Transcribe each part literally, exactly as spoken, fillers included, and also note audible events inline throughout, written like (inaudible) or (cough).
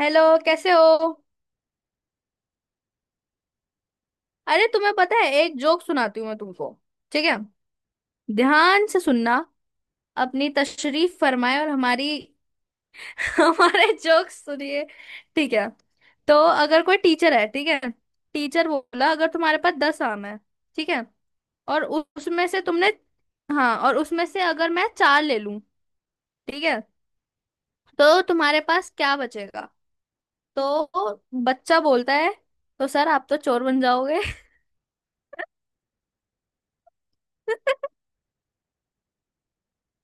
Hello, कैसे हो। अरे, तुम्हें पता है, एक जोक सुनाती हूँ मैं तुमको। ठीक है। ध्यान से सुनना। अपनी तशरीफ फरमाए और हमारी (laughs) हमारे जोक सुनिए। ठीक है। तो अगर कोई टीचर है, ठीक है। टीचर बोला, अगर तुम्हारे पास दस आम है, ठीक है, और उ- उसमें से तुमने। हाँ, और उसमें से अगर मैं चार ले लूं, ठीक है, तो तुम्हारे पास क्या बचेगा। तो बच्चा बोलता है, तो सर, आप तो चोर बन जाओगे। (laughs)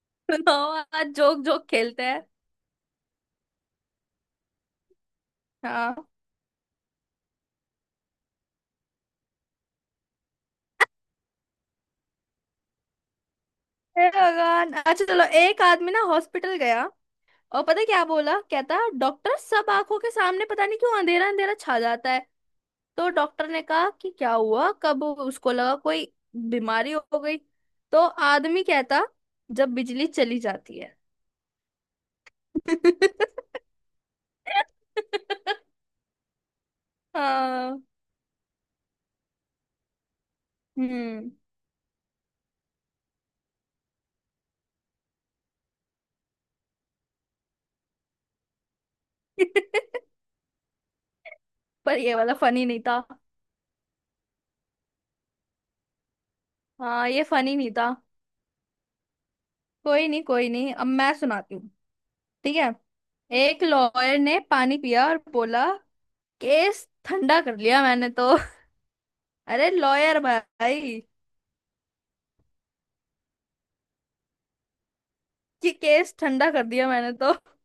(laughs) सुनाओ। आज जोक जोक खेलते हैं। हाँ। हे भगवान। अच्छा, चलो। एक आदमी ना हॉस्पिटल गया और पता है क्या बोला, कहता डॉक्टर सब, आंखों के सामने पता नहीं क्यों अंधेरा अंधेरा छा जाता है। तो डॉक्टर ने कहा कि क्या हुआ, कब उसको लगा कोई बीमारी हो गई। तो आदमी कहता, जब बिजली चली जाती है। (laughs) हाँ। हम्म। (laughs) पर ये वाला फनी नहीं था। हाँ, ये फनी नहीं था। कोई नहीं कोई नहीं, अब मैं सुनाती हूँ। ठीक है। एक लॉयर ने पानी पिया और बोला, केस ठंडा कर लिया मैंने तो। (laughs) अरे लॉयर भाई। कि केस ठंडा कर दिया मैंने तो। (laughs)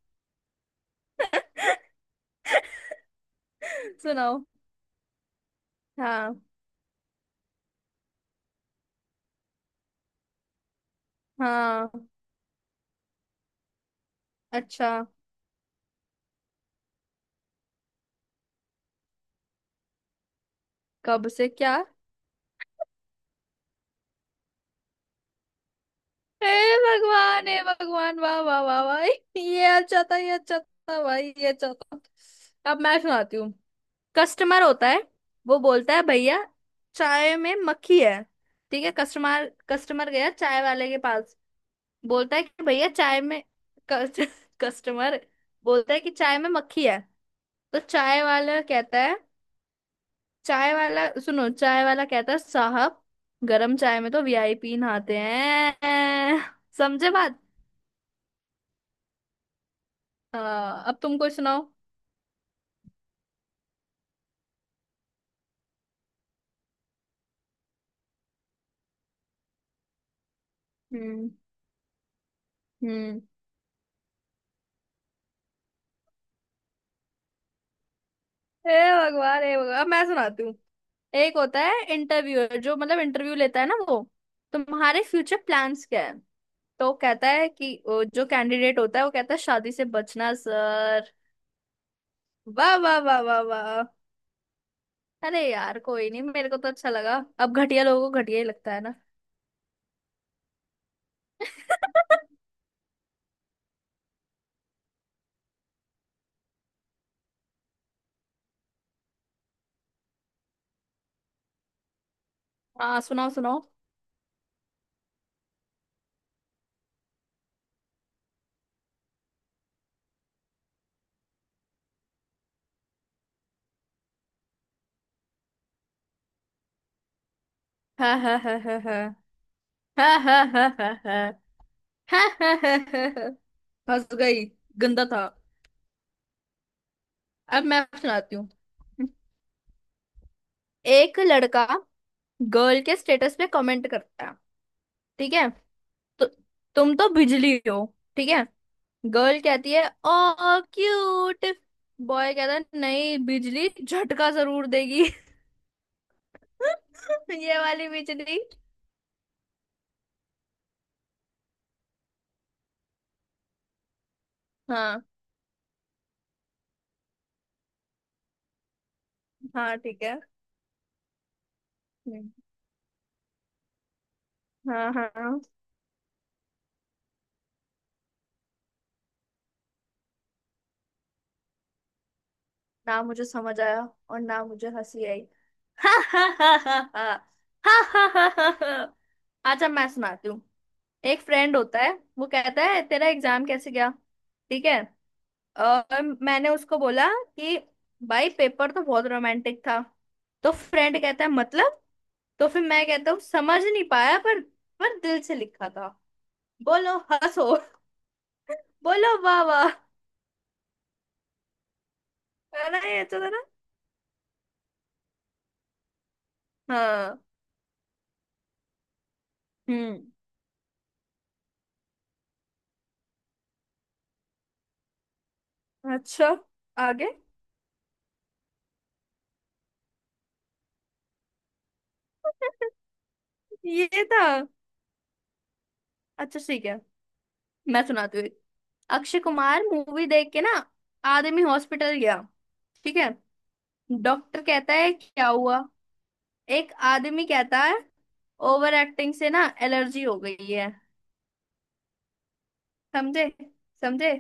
सुनाओ। हाँ। हाँ। अच्छा। कब से क्या। हे भगवान, हे भगवान, वाह वाह वाह वाह। (laughs) ये अच्छा था, ये अच्छा था भाई, ये अच्छा था। अब मैं सुनाती हूँ। कस्टमर होता है, वो बोलता है, भैया चाय में मक्खी है। ठीक है, कस्टमर कस्टमर गया चाय वाले के पास। बोलता है कि भैया चाय में, कस्ट, (laughs) कस्टमर बोलता है कि चाय में मक्खी है। तो चाय वाला कहता है, चाय वाला सुनो, चाय वाला कहता है, साहब, गरम चाय में तो वीआईपी नहाते हैं। समझे बात। हाँ, अब तुम कोई सुनाओ। हम्म। हम्म। हे भगवान, हे भगवान, अब मैं सुनाती हूँ। एक होता है इंटरव्यूअर, जो मतलब इंटरव्यू लेता है ना, वो, तुम्हारे फ्यूचर प्लान्स क्या है। तो कहता है कि, वो जो कैंडिडेट होता है, वो कहता है, शादी से बचना सर। वाह वाह वाह वाह वाह। अरे यार, कोई नहीं, मेरे को तो अच्छा लगा। अब घटिया लोगों को घटिया ही लगता है ना। (laughs) हाँ सुनाओ सुनाओ। (laughs) हाँ हाँ हाँ हाँ। हाँ हाँ हाँ हाँ। हाँ हाँ हाँ हाँ हाँ हाँ। फंस गई। गंदा था। अब मैं सुनाती हूँ। (laughs) एक लड़का गर्ल के स्टेटस पे कमेंट करता है, ठीक है। तो, तुम तो बिजली हो, ठीक है। गर्ल कहती है, ओ क्यूट। बॉय कहता है, नहीं, बिजली झटका जरूर देगी। (laughs) (laughs) ये वाली बिजली। हाँ हाँ। ठीक है। हम्म। हाँ हाँ हाँ। ना मुझे समझ आया और ना मुझे हंसी आई। (laughs) अच्छा, मैं सुनाती हूँ। एक फ्रेंड होता है, वो कहता है तेरा एग्जाम कैसे गया, ठीक है। और मैंने उसको बोला कि भाई, पेपर तो बहुत रोमांटिक था। तो फ्रेंड कहता है, मतलब। तो फिर मैं कहता हूँ, समझ नहीं पाया, पर पर दिल से लिखा था। बोलो हंसो। बोलो वाह वाह। है ना, ये अच्छा था ना। हाँ। हम्म। अच्छा। आगे। (laughs) ये था। अच्छा, ठीक है, मैं सुनाती हूँ एक। अक्षय कुमार मूवी देख के ना, आदमी हॉस्पिटल गया, ठीक है। डॉक्टर कहता है क्या हुआ। एक आदमी कहता है, ओवर एक्टिंग से ना एलर्जी हो गई है। समझे। समझे।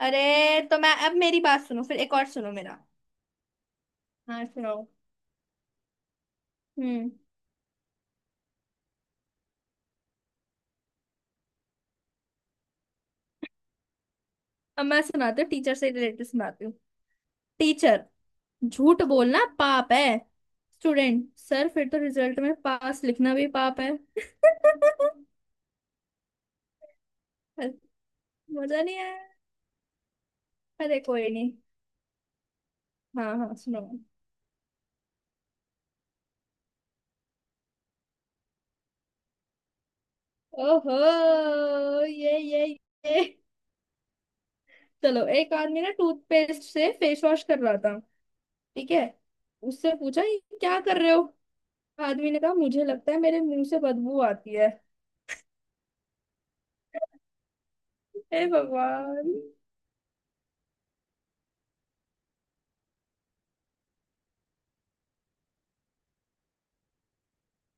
अरे तो मैं, अब मेरी बात सुनो फिर, एक और सुनो मेरा। हाँ सुनो। हम्म। अब मैं सुनाती हूँ टीचर से रिलेटेड सुनाती हूँ। टीचर, झूठ बोलना पाप है। स्टूडेंट, सर फिर तो रिजल्ट में पास लिखना भी पाप है। (laughs) मजा नहीं आया। अरे कोई नहीं। हाँ हाँ सुनो। ओहो, ये ये ये। चलो, एक आदमी ना टूथपेस्ट से फेस वॉश कर रहा था, ठीक है। उससे पूछा, ये क्या कर रहे हो। आदमी ने कहा, मुझे लगता है मेरे मुंह से बदबू आती है। हे भगवान।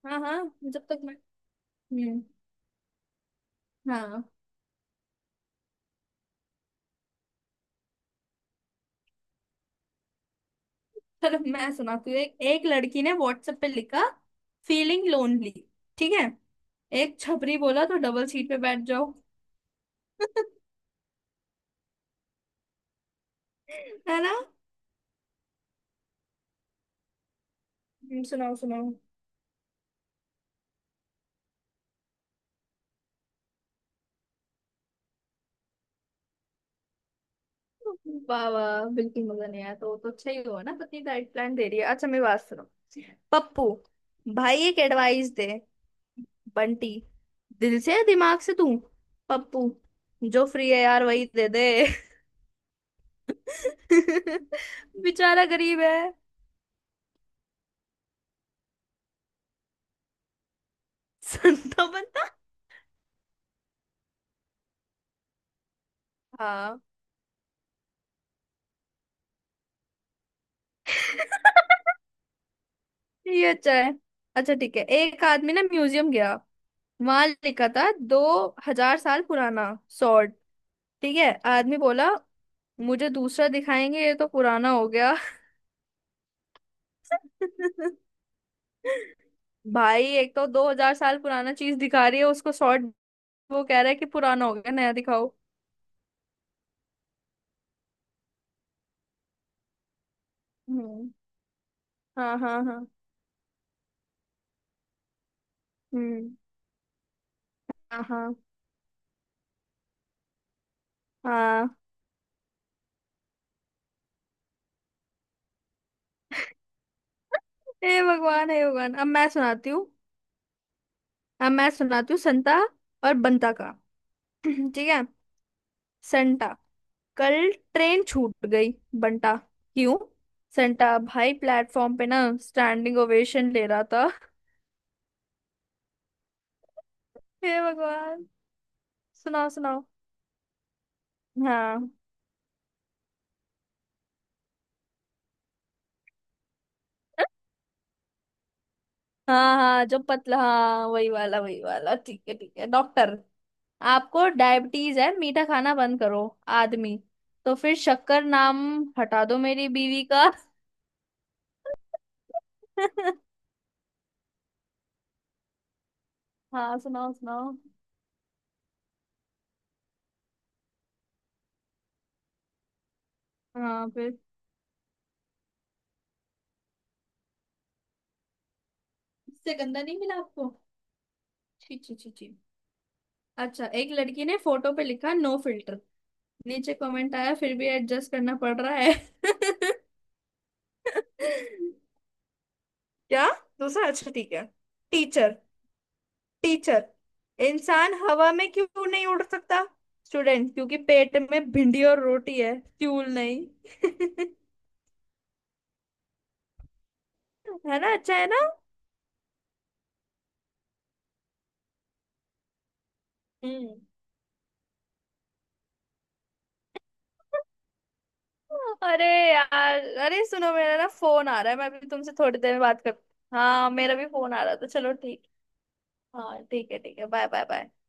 हाँ हाँ। जब तक मैं। हम्म। हाँ। चलो, मैं सुनाती हूँ। एक एक लड़की ने व्हाट्सएप पे लिखा, फीलिंग लोनली, ठीक है। एक छपरी बोला, तो डबल सीट पे बैठ जाओ। (laughs) है ना। हम्म, सुनाओ सुनाओ। वाह वाह, बिल्कुल मजा नहीं आया। तो वो तो अच्छा ही हुआ ना, पत्नी डाइट प्लान दे रही है। अच्छा मेरी बात सुनो। पप्पू, भाई एक एडवाइस दे। बंटी, दिल से या दिमाग से तू। पप्पू, जो फ्री है यार वही दे दे। (laughs) बेचारा गरीब है। (laughs) संता बंता। हाँ। (laughs) ये अच्छा है। अच्छा ठीक है, एक आदमी ना म्यूजियम गया। वहां लिखा था, दो हजार साल पुराना सॉर्ड। ठीक है, आदमी बोला, मुझे दूसरा दिखाएंगे, ये तो पुराना हो गया। (laughs) भाई, एक तो दो हजार साल पुराना चीज दिखा रही है उसको, सॉर्ड, वो कह रहा है कि पुराना हो गया, नया दिखाओ। हम्म। हाँ हाँ हाँ। हम्म। हाँ हाँ हाँ। हे भगवान हे भगवान, अब मैं सुनाती हूँ। अब मैं सुनाती हूँ संता और बंता का। (clears throat) ठीक है। संटा, कल ट्रेन छूट गई। बंटा, क्यों। संटा, भाई प्लेटफॉर्म पे ना स्टैंडिंग ओवेशन ले रहा था। (laughs) हे भगवान। सुनाओ सुनाओ। हाँ हाँ हाँ, जो पतला, हाँ वही वाला वही वाला, ठीक है ठीक है। डॉक्टर, आपको डायबिटीज है, मीठा खाना बंद करो। आदमी, तो फिर शक्कर नाम हटा दो मेरी बीवी का। (laughs) हाँ सुनाओ सुनाओ। हाँ फिर। इससे गंदा नहीं मिला आपको। छी छी छी छी। अच्छा, एक लड़की ने फोटो पे लिखा, नो फिल्टर। नीचे कमेंट आया, फिर भी एडजस्ट करना पड़ रहा है। (laughs) क्या। दूसरा, अच्छा ठीक है। टीचर, टीचर, इंसान हवा में क्यों नहीं उड़ सकता। स्टूडेंट, क्योंकि पेट में भिंडी और रोटी है, फ्यूल नहीं। (laughs) है ना, अच्छा है ना। हम्म। अरे यार। अरे सुनो, मेरा ना फोन आ रहा है, मैं अभी तुमसे थोड़ी देर में बात कर। हाँ, मेरा भी फोन आ रहा था, चलो ठीक। हाँ ठीक है ठीक है, बाय बाय बाय।